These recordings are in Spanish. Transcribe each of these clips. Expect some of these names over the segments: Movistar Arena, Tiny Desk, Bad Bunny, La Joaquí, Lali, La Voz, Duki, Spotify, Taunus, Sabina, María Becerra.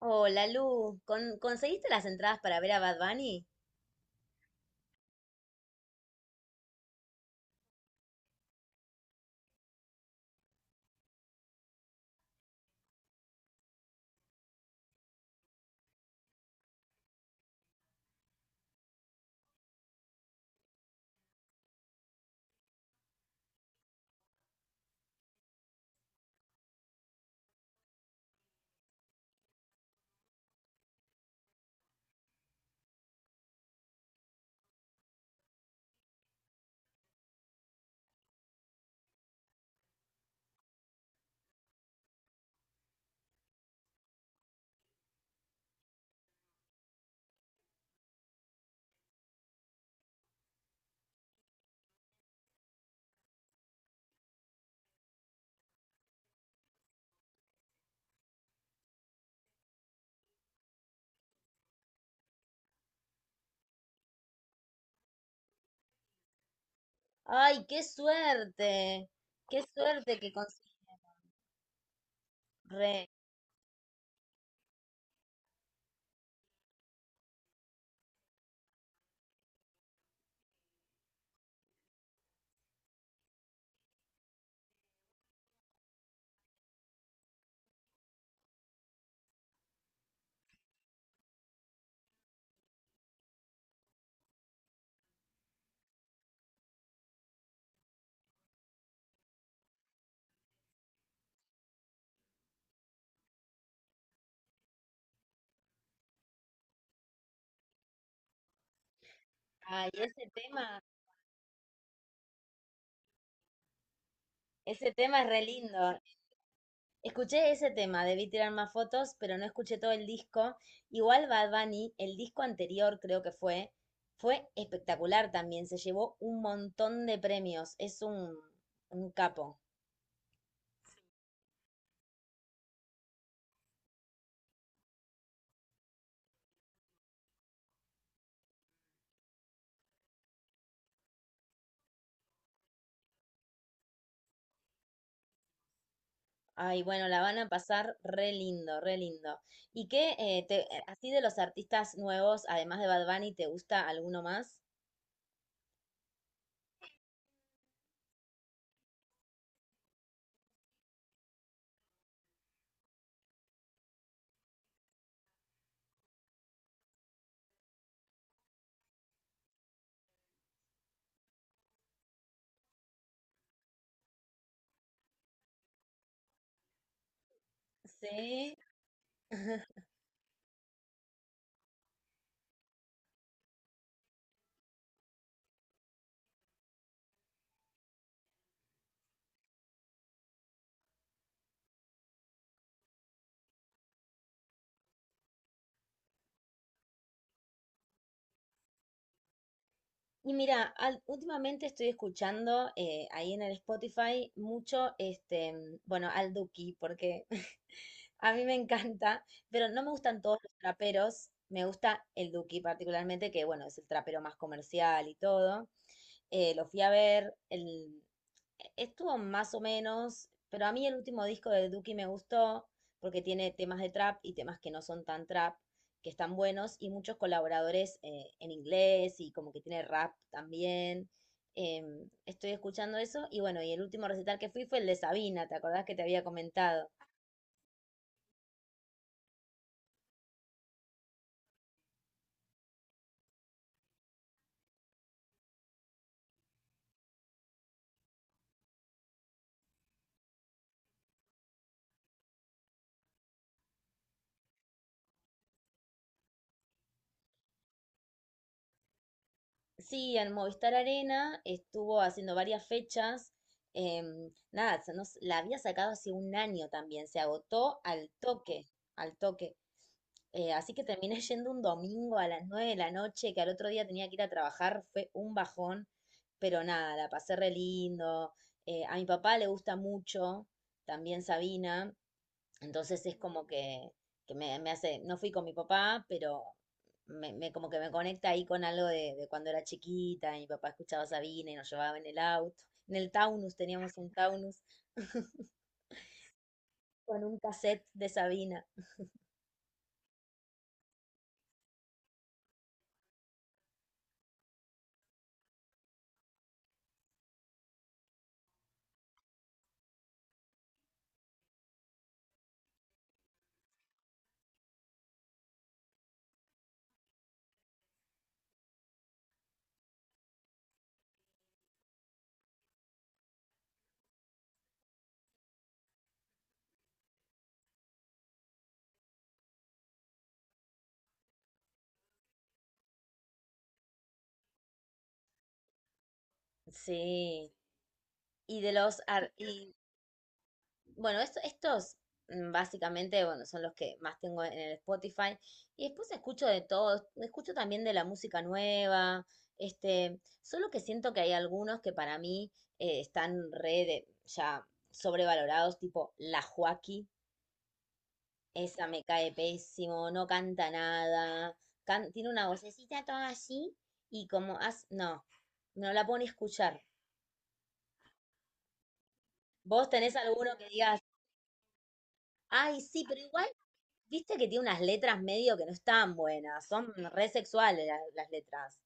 Hola, Lu. ¿Conseguiste las entradas para ver a Bad Bunny? ¡Ay, qué suerte! ¡Qué suerte que conseguiste! Re. Ay, ese tema, ese tema es re lindo. Escuché ese tema, debí tirar más fotos, pero no escuché todo el disco. Igual Bad Bunny, el disco anterior fue espectacular también. Se llevó un montón de premios. Un capo. Ay, bueno, la van a pasar re lindo, re lindo. ¿Y qué, así de los artistas nuevos, además de Bad Bunny, te gusta alguno más? Sí. Y mira, últimamente estoy escuchando ahí en el Spotify mucho, al Duki, porque a mí me encanta, pero no me gustan todos los traperos, me gusta el Duki particularmente, que bueno, es el trapero más comercial y todo. Lo fui a ver, estuvo más o menos, pero a mí el último disco de Duki me gustó porque tiene temas de trap y temas que no son tan trap, que están buenos y muchos colaboradores en inglés y como que tiene rap también. Estoy escuchando eso y bueno, y el último recital que fui fue el de Sabina, ¿te acordás que te había comentado? Sí, en Movistar Arena estuvo haciendo varias fechas. Em, nada, se nos- La había sacado hace un año también, se agotó al toque, al toque. Así que terminé yendo un domingo a las 9 de la noche, que al otro día tenía que ir a trabajar, fue un bajón, pero nada, la pasé re lindo. A mi papá le gusta mucho también Sabina, entonces es como que, me hace, no fui con mi papá, pero como que me conecta ahí con algo de cuando era chiquita, y mi papá escuchaba Sabina y nos llevaba en el auto. En el Taunus teníamos un Taunus con un cassette de Sabina. Sí. Y bueno, estos básicamente, bueno, son los que más tengo en el Spotify. Y después escucho de todo, escucho también de la música nueva, este, solo que siento que hay algunos que para mí están ya sobrevalorados, tipo La Joaquí, esa me cae pésimo, no canta nada, tiene una vocecita toda así y como, as, no, no la pone a escuchar. ¿Vos tenés alguno que digas, ay, sí, pero igual viste que tiene unas letras medio que no están buenas, son re sexuales las letras?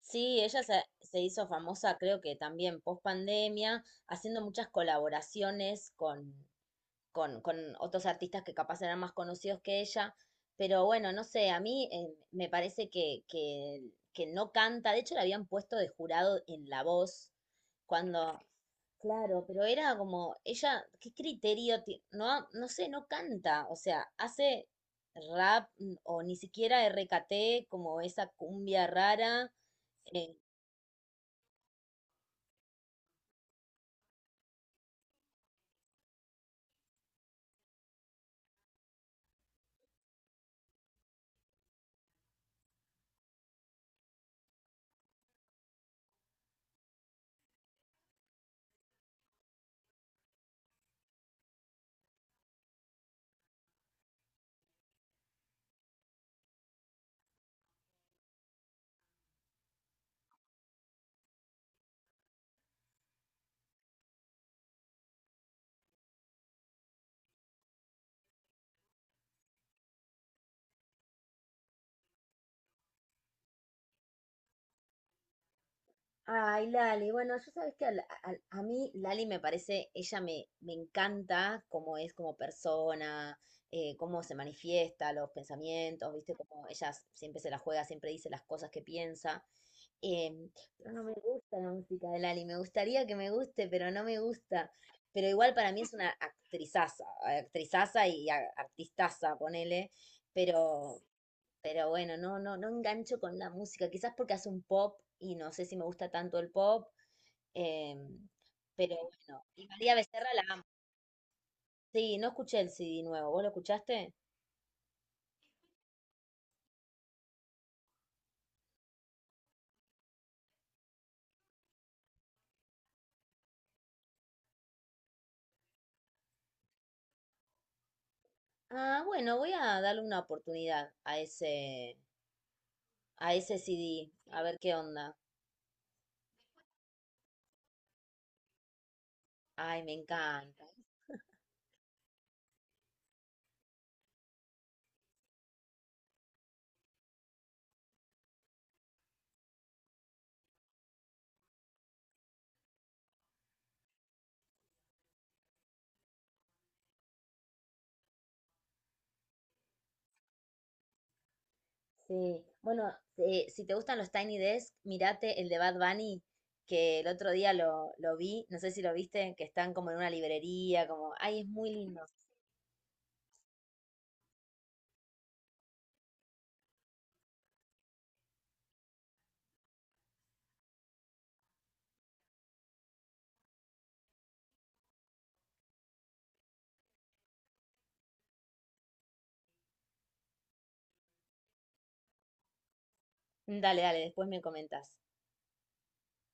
Sí, se hizo famosa, creo que también post pandemia, haciendo muchas colaboraciones con, con otros artistas que capaz eran más conocidos que ella. Pero bueno, no sé, a mí me parece que no canta. De hecho, la habían puesto de jurado en La Voz cuando. Claro, pero era como, ella, ¿qué criterio? No, no sé, no canta, o sea, hace rap o ni siquiera RKT, como esa cumbia rara, eh. Ay, Lali, bueno, yo sabes que a mí Lali me parece, ella me encanta cómo es como persona, cómo se manifiesta, los pensamientos, viste, como ella siempre se la juega, siempre dice las cosas que piensa. Em, pero no me gusta la música de Lali, me gustaría que me guste, pero no me gusta. Pero igual para mí es una actrizaza, actrizaza artistaza, ponele, pero no engancho con la música, quizás porque hace un pop y no sé si me gusta tanto el pop, em, pero bueno, y María Becerra la amo. Sí, no escuché el CD nuevo, ¿vos lo escuchaste? Ah, bueno, voy a darle una oportunidad a ese CD, a ver qué onda. Ay, me encanta. Sí, bueno, si te gustan los Tiny Desk, mirate el de Bad Bunny, que el otro día lo vi, no sé si lo viste, que están como en una librería, como, ay, es muy lindo. Dale, dale, después me comentas.